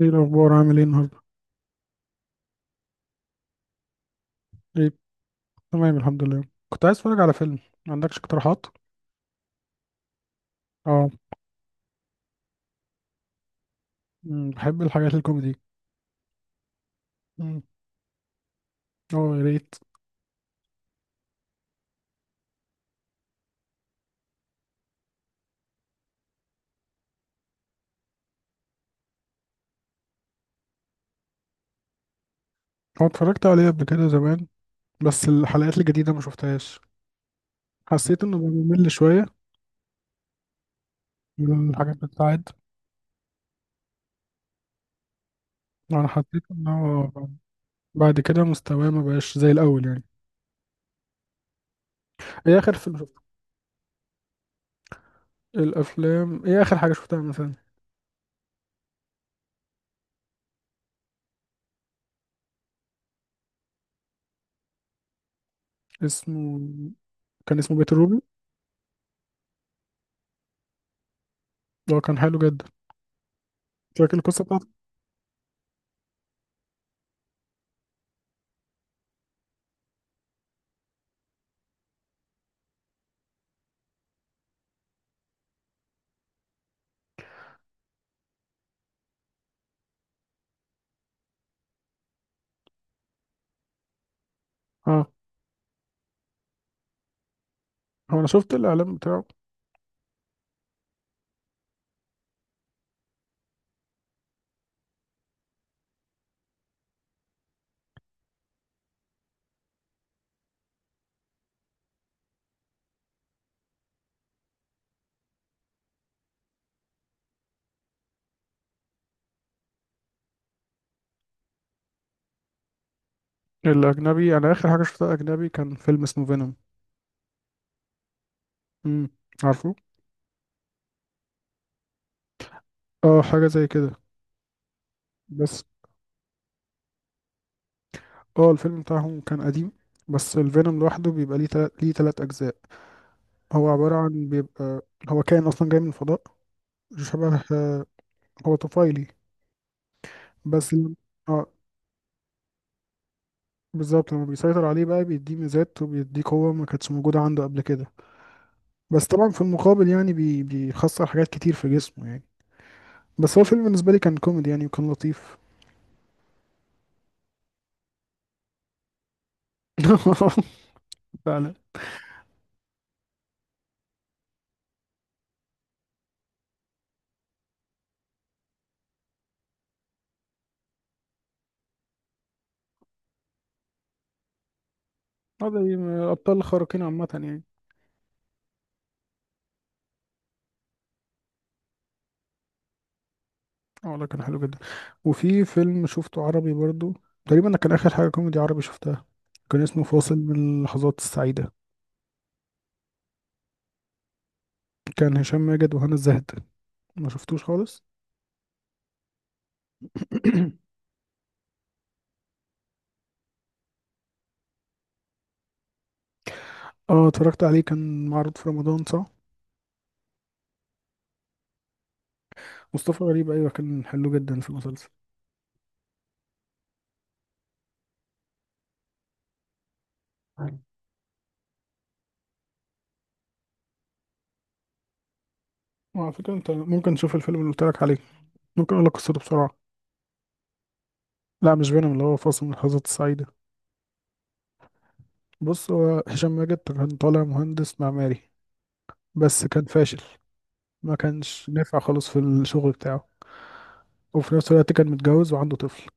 ايه الاخبار؟ عامل ايه النهارده؟ ايه، تمام الحمد لله. كنت عايز اتفرج على فيلم، ما عندكش اقتراحات؟ اه. بحب الحاجات الكوميدي. أمم، اه يا ريت. هو اتفرجت عليه قبل كده زمان، بس الحلقات الجديده ما شفتهاش. حسيت انه بممل شويه، من الحاجات بتتعاد. انا حسيت انه بعد كده مستواه ما بقاش زي الاول يعني. ايه اخر فيلم شفته؟ الافلام، ايه اخر حاجه شفتها مثلا؟ اسمه، كان اسمه بيت الروبي. ده كان حلو جدا. فاكر القصه بتاعته؟ اه. هو انا شفت الاعلان بتاعه. الأجنبي أنا آخر حاجة شفتها أجنبي كان فيلم اسمه فينوم. امم، عارفه؟ اه حاجة زي كده. بس اه، الفيلم بتاعهم كان قديم، بس الفينوم لوحده بيبقى ليه تلات ليه تلات أجزاء. هو عبارة عن بيبقى هو كائن أصلا جاي من الفضاء، شبه هو طفيلي. بس لم- اه بالظبط، لما بيسيطر عليه بقى بيديه ميزات وبيديه قوة ما كانتش موجودة عنده قبل كده. بس طبعا في المقابل يعني بيخسر حاجات كتير في جسمه يعني. بس هو الفيلم بالنسبة لي كان كوميدي يعني وكان لطيف. فعلا. هذا أبطال الخارقين عامة يعني. اه والله كان حلو جدا. وفي فيلم شفته عربي برضو، تقريبا كان آخر حاجة كوميدي عربي شفتها، كان اسمه فاصل من اللحظات السعيدة. كان هشام ماجد وهنا الزاهد، ما شفتوش خالص؟ اه اتفرجت عليه، كان معروض في رمضان صح. مصطفى غريب، أيوة كان حلو جدا في المسلسل. وعلى فكرة انت ممكن تشوف الفيلم اللي قلت لك عليه، ممكن اقول لك قصته بسرعة. لا مش فينوم، اللي هو فاصل من اللحظات السعيدة. بص، هو هشام ماجد كان طالع مهندس معماري بس كان فاشل. ما كانش نافع خالص في الشغل بتاعه. وفي نفس الوقت كان متجوز وعنده طفل،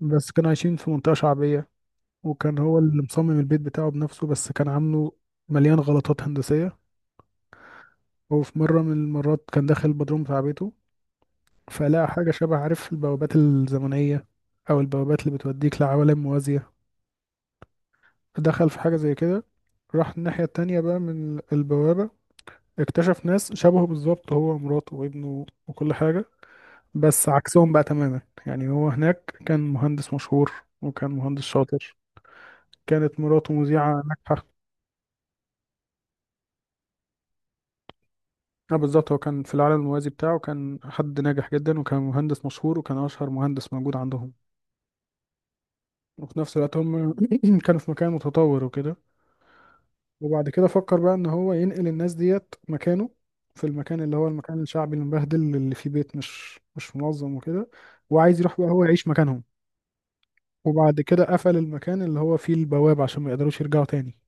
بس كانوا عايشين في منطقة شعبية. وكان هو اللي مصمم البيت بتاعه بنفسه، بس كان عامله مليان غلطات هندسية. وفي مرة من المرات كان داخل البدروم بتاع بيته، فلقى حاجة شبه عارف البوابات الزمنية، أو البوابات اللي بتوديك لعوالم موازية. دخل في حاجة زي كده، راح الناحية التانية بقى من البوابة، اكتشف ناس شبهه بالظبط، هو ومراته وابنه وكل حاجة، بس عكسهم بقى تماما. يعني هو هناك كان مهندس مشهور وكان مهندس شاطر، كانت مراته مذيعة ناجحة. اه بالظبط، هو كان في العالم الموازي بتاعه كان حد ناجح جدا، وكان مهندس مشهور وكان أشهر مهندس موجود عندهم. وفي نفس الوقت هم كانوا في مكان متطور وكده. وبعد كده فكر بقى إن هو ينقل الناس ديت مكانه، في المكان اللي هو المكان الشعبي المبهدل اللي فيه بيت مش منظم وكده، وعايز يروح بقى هو يعيش مكانهم. وبعد كده قفل المكان اللي هو فيه البوابة عشان ما يقدروش يرجعوا تاني.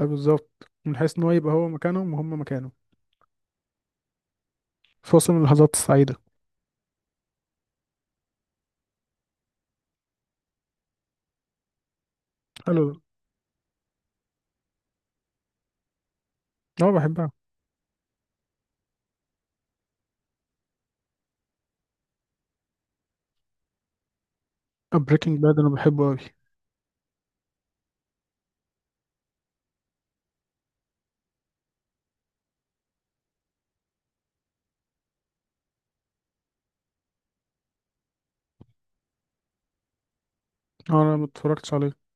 اه بالظبط، من حيث ان هو يبقى هو مكانهم وهم مكانه. فاصل من اللحظات السعيدة. حلو. اه بحبها. بريكنج باد انا بحبه قوي. اه انا ما اتفرجتش عليه.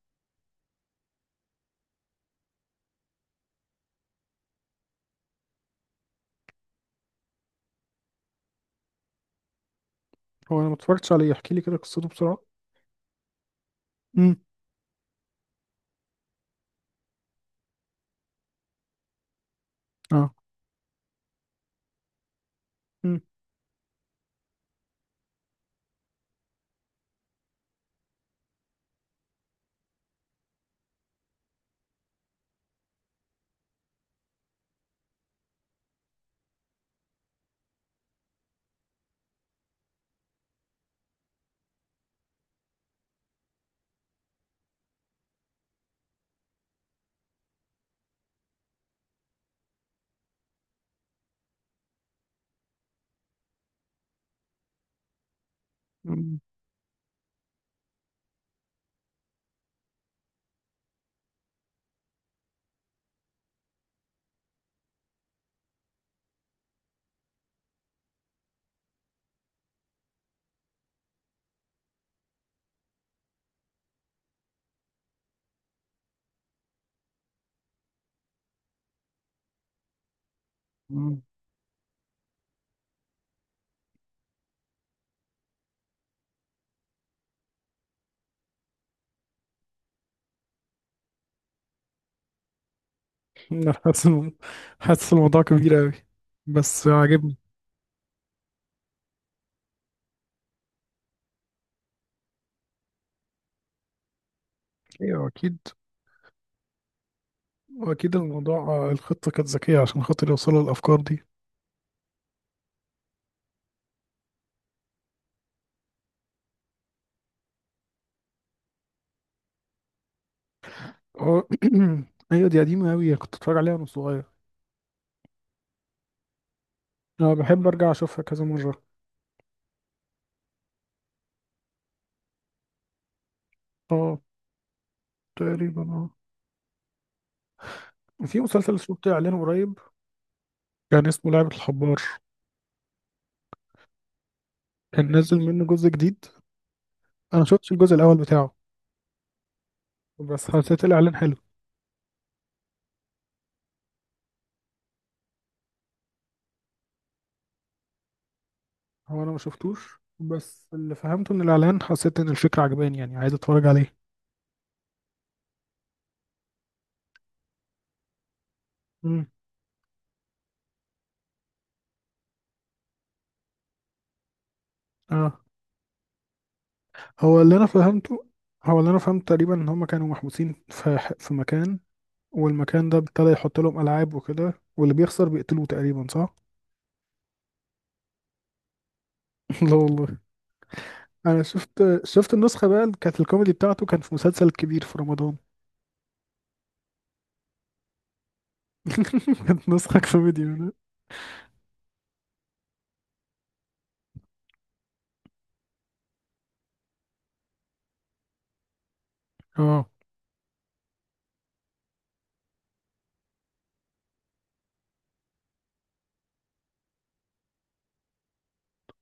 هو انا ما اتفرجتش عليه، احكي لي كده قصته بسرعة. امم. اه. امم. أمم. أمم. أنا حاسس إنه- حاسس الموضوع كبير قوي بس عاجبني. ايوه اكيد، واكيد الموضوع الخطه كانت ذكيه عشان خاطر يوصلوا للافكار دي. اه. ايوه دي قديمة قوي، كنت اتفرج عليها وانا صغير. اه بحب ارجع اشوفها كذا مرة. اه تقريبا اه. في مسلسل شفته اعلانه قريب، كان اسمه لعبة الحبار. كان نزل منه جزء جديد، انا ما شفتش الجزء الاول بتاعه، بس حسيت الاعلان حلو. هو انا ما شفتوش، بس اللي فهمته من الاعلان حسيت ان الفكرة عجباني يعني عايز اتفرج عليه. امم. اه. هو اللي انا فهمته، هو اللي انا فهمت تقريبا ان هم كانوا محبوسين في مكان، والمكان ده ابتدى يحط لهم العاب وكده، واللي بيخسر بيقتلوه تقريبا صح؟ لا والله. انا شفت النسخة بقى اللي كانت الكوميدي بتاعته، كان في مسلسل كبير في رمضان. كانت نسخة كوميدي منها. اه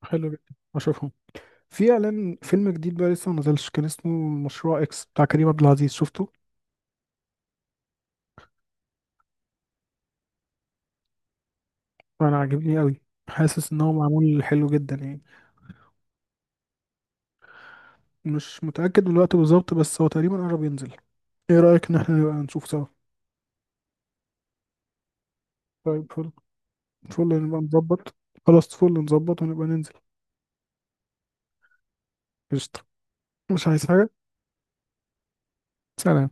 حلو جدا اشوفهم. في اعلان فيلم جديد بقى لسه ما نزلش، كان اسمه مشروع اكس بتاع كريم عبد العزيز، شفته؟ انا عاجبني قوي، حاسس ان هو معمول حلو جدا يعني. مش متأكد من الوقت بالظبط، بس هو تقريبا قرب ينزل. ايه رأيك ان احنا نبقى نشوف سوا؟ طيب فل، فل نبقى نظبط. خلاص فل نظبط ونبقى ننزل. قشطة. مش عايز حاجة. سلام.